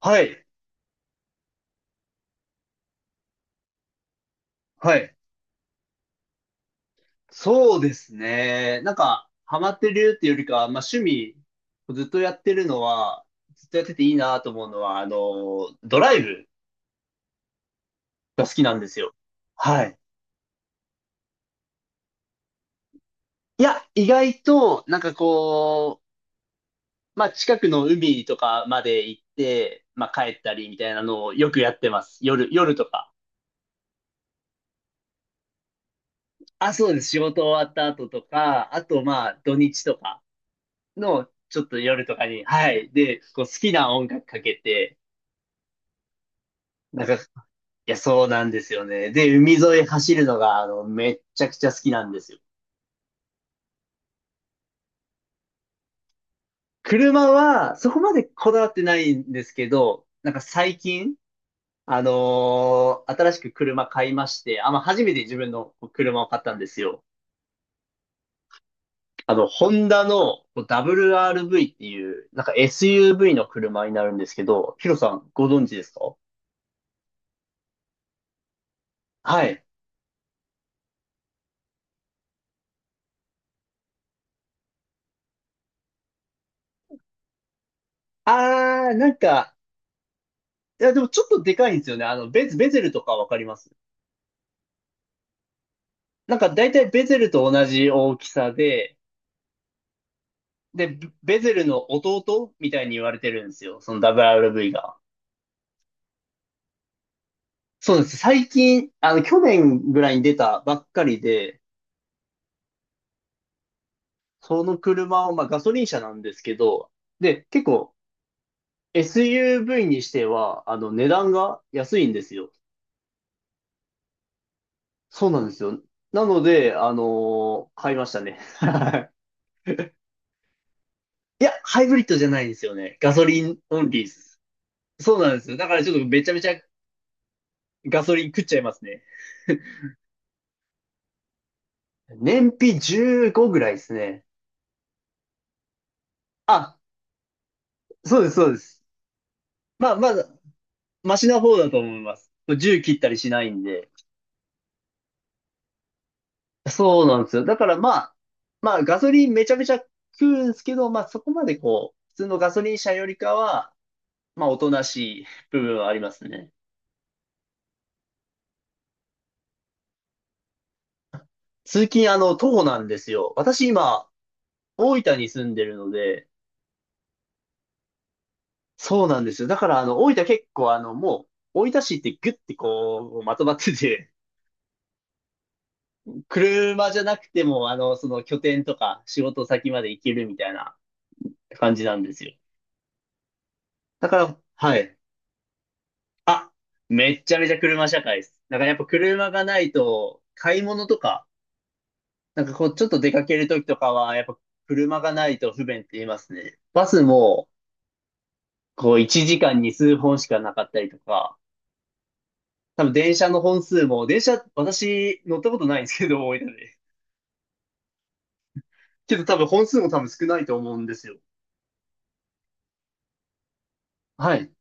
はい、はい。そうですね。なんか、ハマってるっていうよりかは、まあ趣味、ずっとやってるのは、ずっとやってていいなと思うのは、ドライブが好きなんですよ。はい。いや、意外と、なんかこう、まあ近くの海とかまで行って、まあ帰ったりみたいなのをよくやってます。夜とか。あ、そうです。仕事終わった後とか、あとまあ土日とかの、ちょっと夜とかに、はい。で、こう好きな音楽かけて、なんか、いや、そうなんですよね。で、海沿い走るのが、めっちゃくちゃ好きなんですよ。車は、そこまでこだわってないんですけど、なんか最近、新しく車買いまして、あ、まあ、初めて自分の車を買ったんですよ。ホンダのこう WRV っていう、なんか SUV の車になるんですけど、ヒロさん、ご存知ですか？はい。なんか、いや、でもちょっとでかいんですよね。ベゼルとかわかります？なんか大体ベゼルと同じ大きさで、ベゼルの弟みたいに言われてるんですよ。その WRV が。そうなんです。最近、去年ぐらいに出たばっかりで、その車を、まあガソリン車なんですけど、で、結構 SUV にしては、値段が安いんですよ。そうなんですよ。なので、買いましたね。いいや、ハイブリッドじゃないんですよね。ガソリンオンリーです。そうなんですよ。だからちょっとめちゃめちゃガソリン食っちゃいますね。燃費15ぐらいですね。あ、そうです、そうです。まあ、まだ、マシな方だと思います。1切ったりしないんで。そうなんですよ。だからまあ、ガソリンめちゃめちゃ食うんですけど、まあそこまでこう、普通のガソリン車よりかは、まあおとなしい部分はありますね。通勤徒歩なんですよ。私今、大分に住んでるので、そうなんですよ。だからあの、大分結構もう、大分市ってグッてこう、まとまってて、車じゃなくても、その拠点とか仕事先まで行けるみたいな感じなんですよ。だから、はい。あ、めっちゃめちゃ車社会です。だからやっぱ車がないと、買い物とか、なんかこう、ちょっと出かけるときとかは、やっぱ車がないと不便って言いますね。バスも、こう、1時間に数本しかなかったりとか、多分電車の本数も、電車、私乗ったことないんですけど、多いので。けど多分本数も多分少ないと思うんですよ。はい。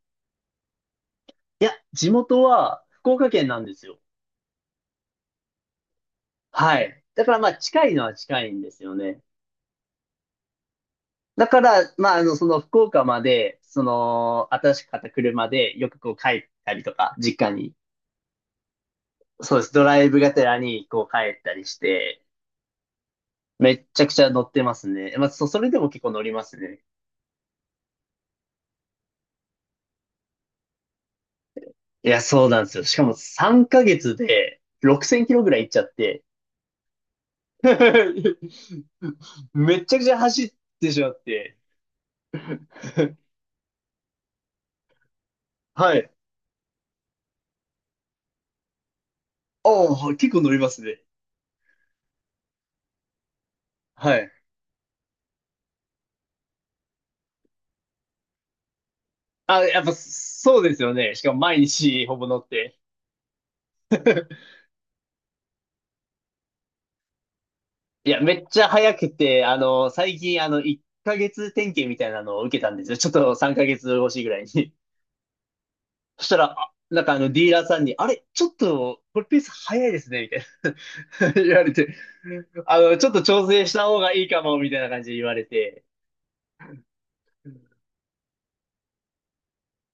いや、地元は福岡県なんですよ。はい。だからまあ近いのは近いんですよね。だから、まあその福岡まで、その、新しく買った車でよくこう帰ったりとか、実家に。そうです。ドライブがてらにこう帰ったりして、めっちゃくちゃ乗ってますね。まあそれでも結構乗りますね。いや、そうなんですよ。しかも3ヶ月で6000キロぐらい行っちゃって、めっちゃくちゃ走ってしまって。はい。ああ、結構乗りますね。はい。あ、やっぱそうですよね。しかも毎日ほぼ乗って。いや、めっちゃ早くて、最近、1ヶ月点検みたいなのを受けたんですよ。ちょっと3ヶ月越しぐらいに。そしたら、あなんかディーラーさんに、あれ、ちょっと、これペース早いですね、みたいな 言われて、ちょっと調整した方がいいかも、みたいな感じで言われて、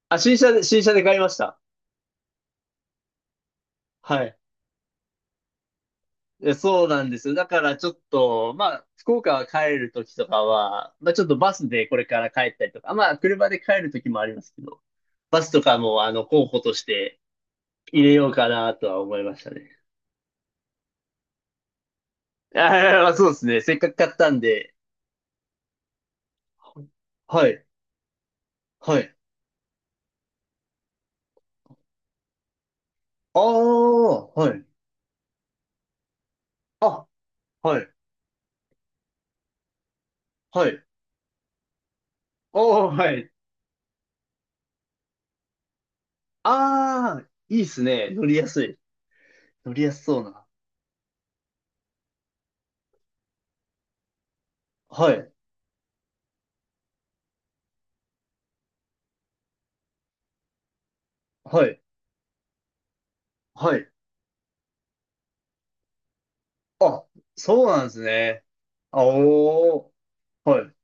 あ、新車で買いました。はい。そうなんですよ。だからちょっと、まあ、福岡は帰るときとかは、まあちょっとバスでこれから帰ったりとか、まあ車で帰るときもありますけど、バスとかも候補として入れようかなとは思いましたね。ああ、そうですね。せっかく買ったんで。はい、はい。ああ、はい。あ、はい、はい。おー、はい。ああ、いいっすね。乗りやすい。乗りやすそうな。はい、はい、はい。あ、そうなんですね。あおー。はい。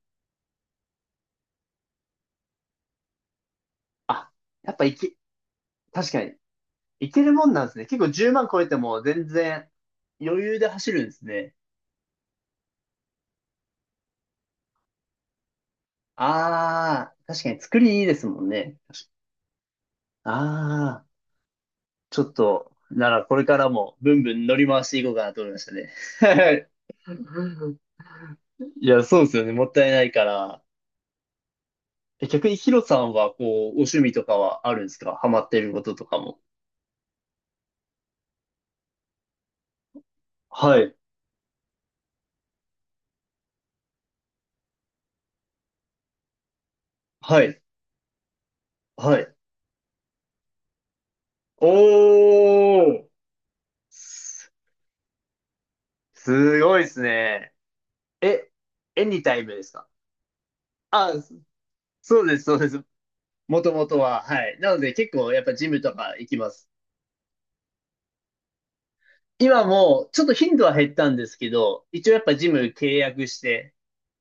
あ、やっぱいけ、確かに、いけるもんなんですね。結構10万超えても全然余裕で走るんですね。ああ、確かに作りいいですもんね。ああ、ちょっと、ならこれからもブンブン乗り回していこうかなと思いましたね。いや、そうですよね。もったいないから。逆にヒロさんは、こう、お趣味とかはあるんですか？ハマってることとかも。はい。はい。はい。おー。す、すごいですね。え、エニタイムですか？あ、そうです、そうです。もともとは。はい。なので結構やっぱジムとか行きます。今もちょっと頻度は減ったんですけど、一応やっぱジム契約して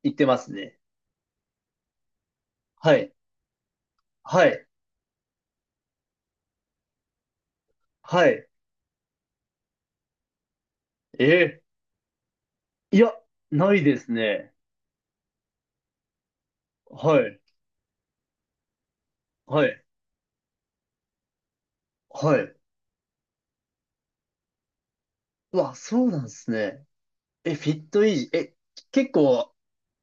行ってますね。はい。はい。はい。えーいや、ないですね。はい。はい。はい。うわ、そうなんですね。え、フィットイージー。え、結構、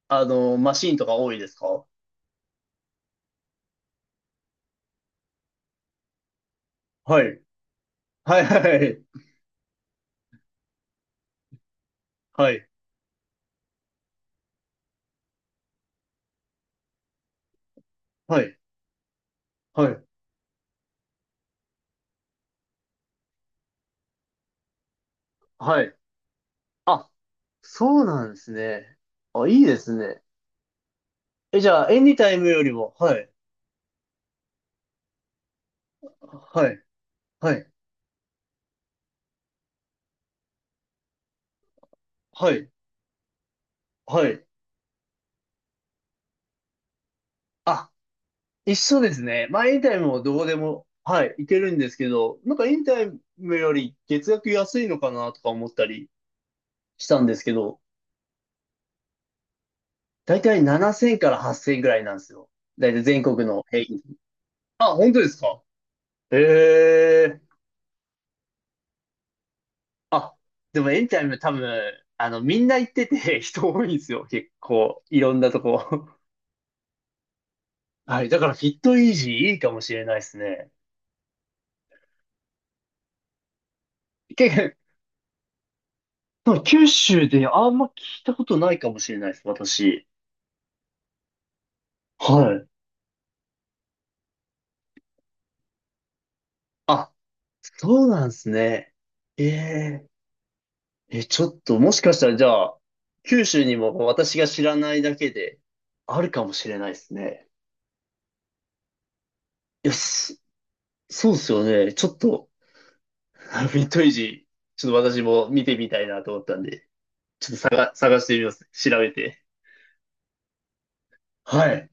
マシーンとか多いですか？はい。はい、はい、はい。はい、はい、はい。はい。あ、そうなんですね。あ、いいですね。え、じゃあ、エニタイムよりも、はい、はい、はい、はい、はい。あ、一緒ですね。まあ、エニタイムもどこでも、はい、いけるんですけど、なんかエニタイムより月額安いのかなとか思ったりしたんですけど、だいたい7000から8000ぐらいなんですよ。だいたい全国の平均。あ、本当ですか？ええでもエニタイム多分、みんな行ってて 人多いんですよ。結構、いろんなとこ。はい。だから、フィットイージーいいかもしれないですね。結構、その九州であんま聞いたことないかもしれないです、私。はい。あ、そうなんですね。えええ、ちょっと、もしかしたら、じゃあ、九州にも私が知らないだけで、あるかもしれないですね。よし、そうですよね。ちょっと、フィットイージー、ちょっと私も見てみたいなと思ったんで、探してみます。調べて。はい。